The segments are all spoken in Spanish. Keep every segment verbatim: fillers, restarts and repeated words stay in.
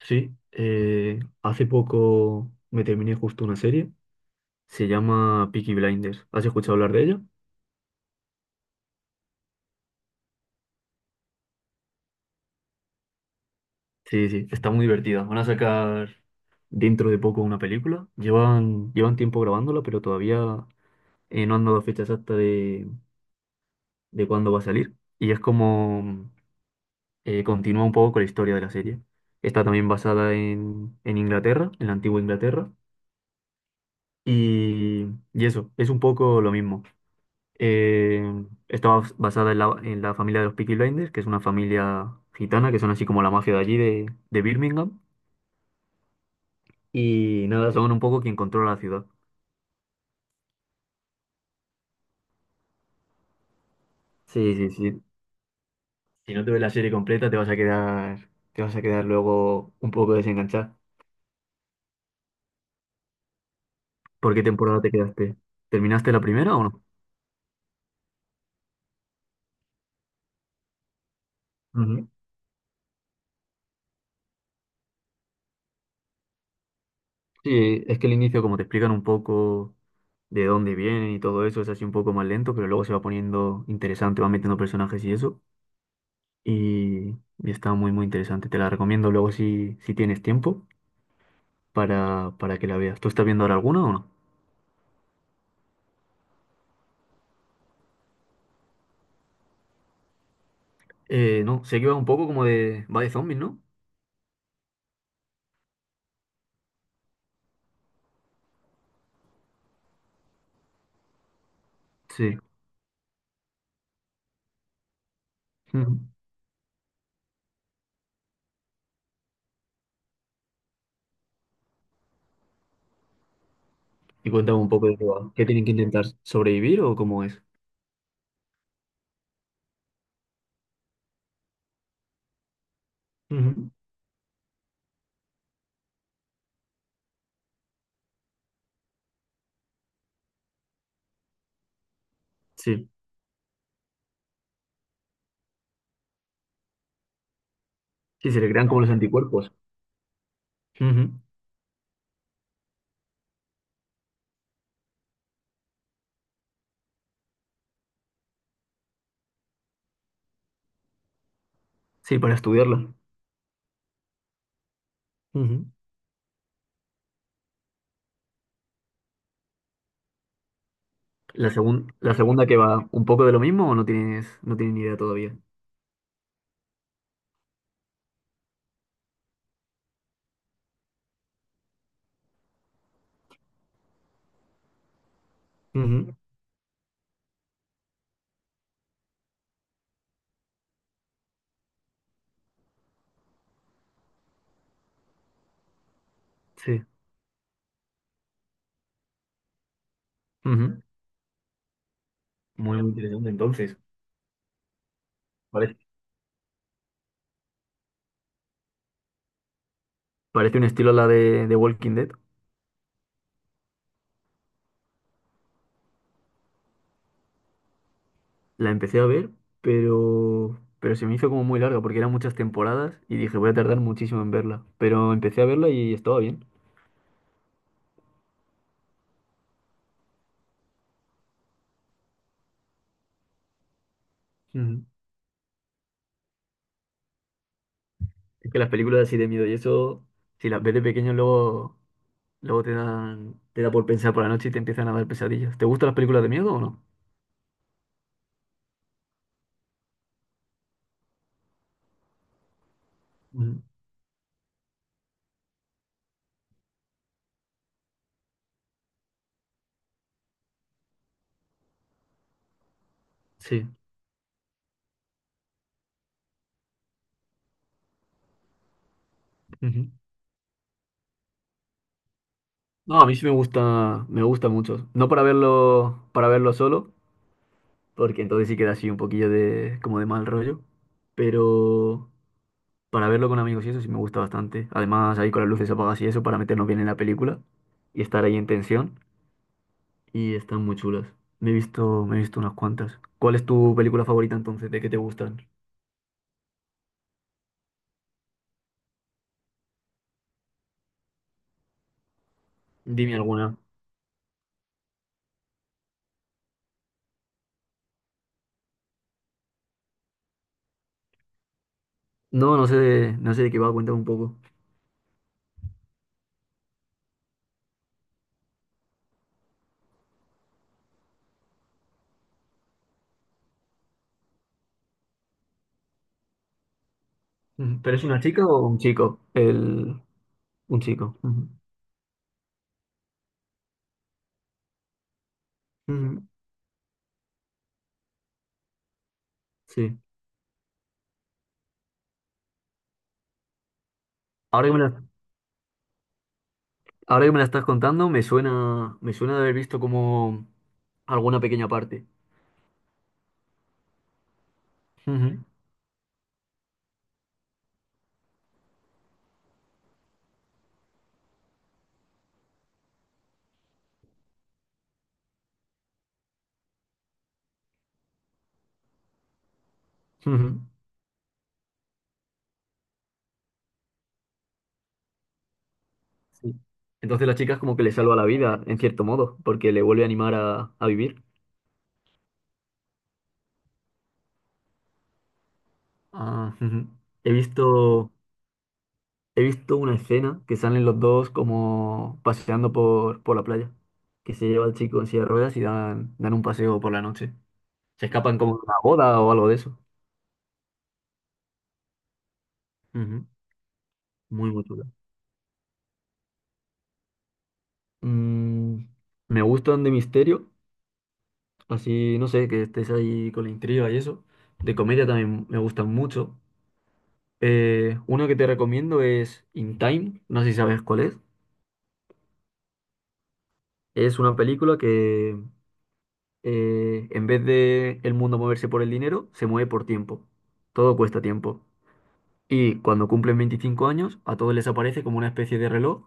Sí, eh, hace poco me terminé justo una serie, se llama Peaky Blinders. ¿Has escuchado hablar de ella? Sí, sí, está muy divertida. Van a sacar dentro de poco una película. Llevan, llevan tiempo grabándola, pero todavía eh, no han dado fecha exacta de, de cuándo va a salir. Y es como eh, continúa un poco con la historia de la serie. Está también basada en, en Inglaterra, en la antigua Inglaterra. Y, y eso, es un poco lo mismo. Eh, Está bas- basada en la, en la familia de los Peaky Blinders, que es una familia gitana, que son así como la mafia de allí, de, de Birmingham. Y nada, son un poco quien controla la ciudad. Sí, sí, sí. Si no te ves la serie completa, te vas a quedar, te vas a quedar luego un poco desenganchado. ¿Por qué temporada te quedaste? ¿Terminaste la primera o no? Ujú. Sí, es que el inicio, como te explican un poco de dónde vienen y todo eso, es así un poco más lento, pero luego se va poniendo interesante, va metiendo personajes y eso. y, y está muy, muy interesante. Te la recomiendo luego si, si tienes tiempo para, para que la veas. ¿Tú estás viendo ahora alguna o no? Eh, no, sé que va un poco como de va de zombies, ¿no? Sí. Ujú. Y cuéntame un poco de qué va. ¿Qué tienen que intentar? ¿Sobrevivir o cómo es? Ujú. Sí. Sí, se le crean como los anticuerpos. Ujú. Sí, para estudiarla. Ujú. La segun- la segunda que va un poco de lo mismo o no tienes, no tienes ni idea todavía. Ujú. Sí. Ujú. Muy, muy interesante entonces. Parece, parece un estilo a la de, de Walking Dead. La empecé a ver, pero, pero se me hizo como muy larga porque eran muchas temporadas y dije, voy a tardar muchísimo en verla. Pero empecé a verla y estaba bien. Ujú. Es que las películas así de miedo y eso, si las ves de pequeño, luego, luego te dan, te da por pensar por la noche y te empiezan a dar pesadillas. ¿Te gustan las películas de miedo o no? Ujú. Sí. Ujú. No, a mí sí me gusta, me gusta mucho. No para verlo, para verlo solo, porque entonces sí queda así un poquillo de, como de mal rollo. Pero para verlo con amigos y eso sí me gusta bastante. Además, ahí con las luces apagadas y eso para meternos bien en la película y estar ahí en tensión. Y están muy chulas. Me he visto, me he visto unas cuantas. ¿Cuál es tu película favorita entonces? ¿De qué te gustan? Dime alguna. No, no sé de, no sé de qué va, cuéntame un poco. Ujú. ¿Pero es una chica o un chico? El, un chico. Ujú. Ujú. Sí. Ahora que me la, ahora que me la estás contando, me suena, me suena de haber visto como alguna pequeña parte. Ujú. Ujú. Sí. Entonces la chica es como que le salva la vida, en cierto modo, porque le vuelve a animar a, a vivir. Ah, ujú. He visto, he visto una escena que salen los dos como paseando por, por la playa, que se lleva al chico en silla de ruedas y dan, dan un paseo por la noche. Se escapan como de una boda o algo de eso. Ujú. Muy, muy chula. Mm, me gustan de misterio, así, no sé, que estés ahí con la intriga y eso. De comedia también me gustan mucho. Eh, uno que te recomiendo es In Time, no sé si sabes cuál es. Es una película que eh, en vez de el mundo moverse por el dinero, se mueve por tiempo. Todo cuesta tiempo. Y cuando cumplen veinticinco años, a todos les aparece como una especie de reloj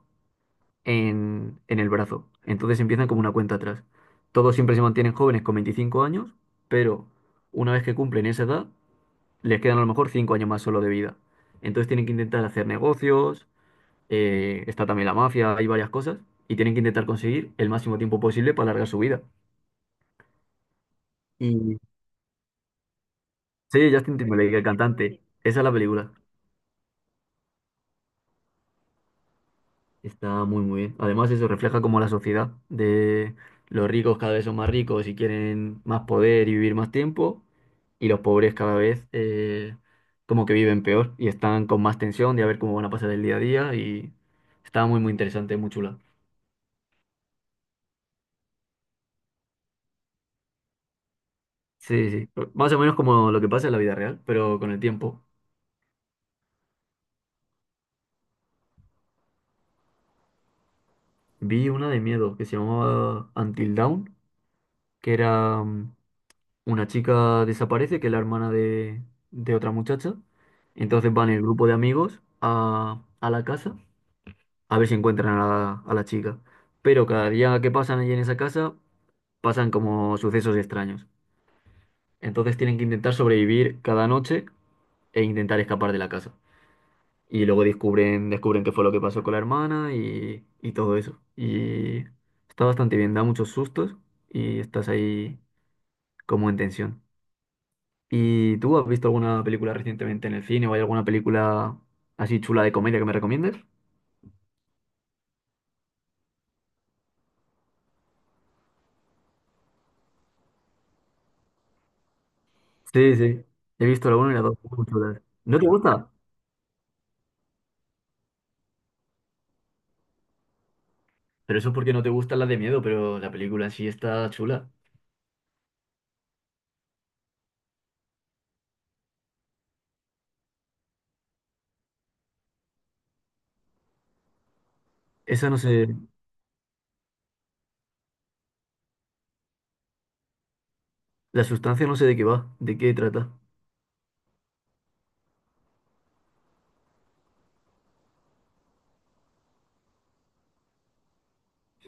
en, en el brazo. Entonces empiezan como una cuenta atrás. Todos siempre se mantienen jóvenes con veinticinco años, pero una vez que cumplen esa edad, les quedan a lo mejor cinco años más solo de vida. Entonces tienen que intentar hacer negocios. Eh, está también la mafia, hay varias cosas, y tienen que intentar conseguir el máximo tiempo posible para alargar su vida. Y sí, Justin Timberlake, el cantante, esa es la película. Está muy, muy bien. Además, eso refleja como la sociedad de los ricos cada vez son más ricos y quieren más poder y vivir más tiempo, y los pobres cada vez eh, como que viven peor y están con más tensión de a ver cómo van a pasar el día a día y está muy, muy interesante, muy chula. Sí, sí, más o menos como lo que pasa en la vida real, pero con el tiempo. Vi una de miedo que se llamaba Until Dawn, que era mm, una chica desaparece, que es la hermana de, de, otra muchacha. Entonces van el grupo de amigos a, a la casa a ver si encuentran a la, a la chica. Pero cada día que pasan allí en esa casa pasan como sucesos extraños. Entonces tienen que intentar sobrevivir cada noche e intentar escapar de la casa. Y luego descubren, descubren qué fue lo que pasó con la hermana y, y todo eso. Y está bastante bien, da muchos sustos y estás ahí como en tensión. ¿Y tú has visto alguna película recientemente en el cine o hay alguna película así chula de comedia que me recomiendes? Sí, sí. He visto la una y la dos muy chulas. ¿No te gusta? Pero eso es porque no te gustan las de miedo, pero la película en sí está chula. Esa no sé, la sustancia no sé de qué va, de qué trata.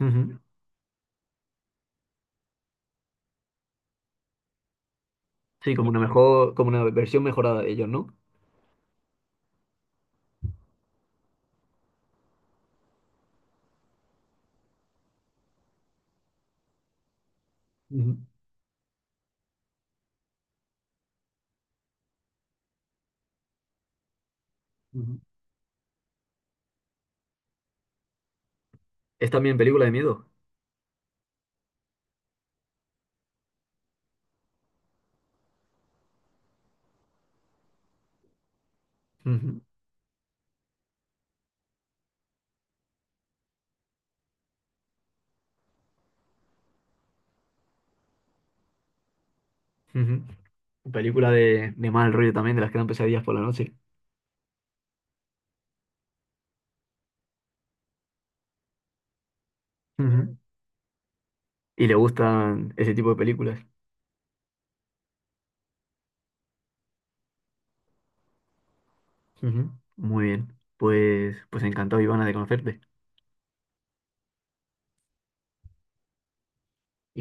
Ujú. Sí, como una mejor, como una versión mejorada de ellos, ¿no? Ujú. Ujú. Es también película de miedo. Ujú, ujú. Película de, de mal rollo también, de las que dan pesadillas por la noche. Ujú. Y le gustan ese tipo de películas. Ujú. Muy bien. Pues, pues encantado, Ivana, de conocerte. Y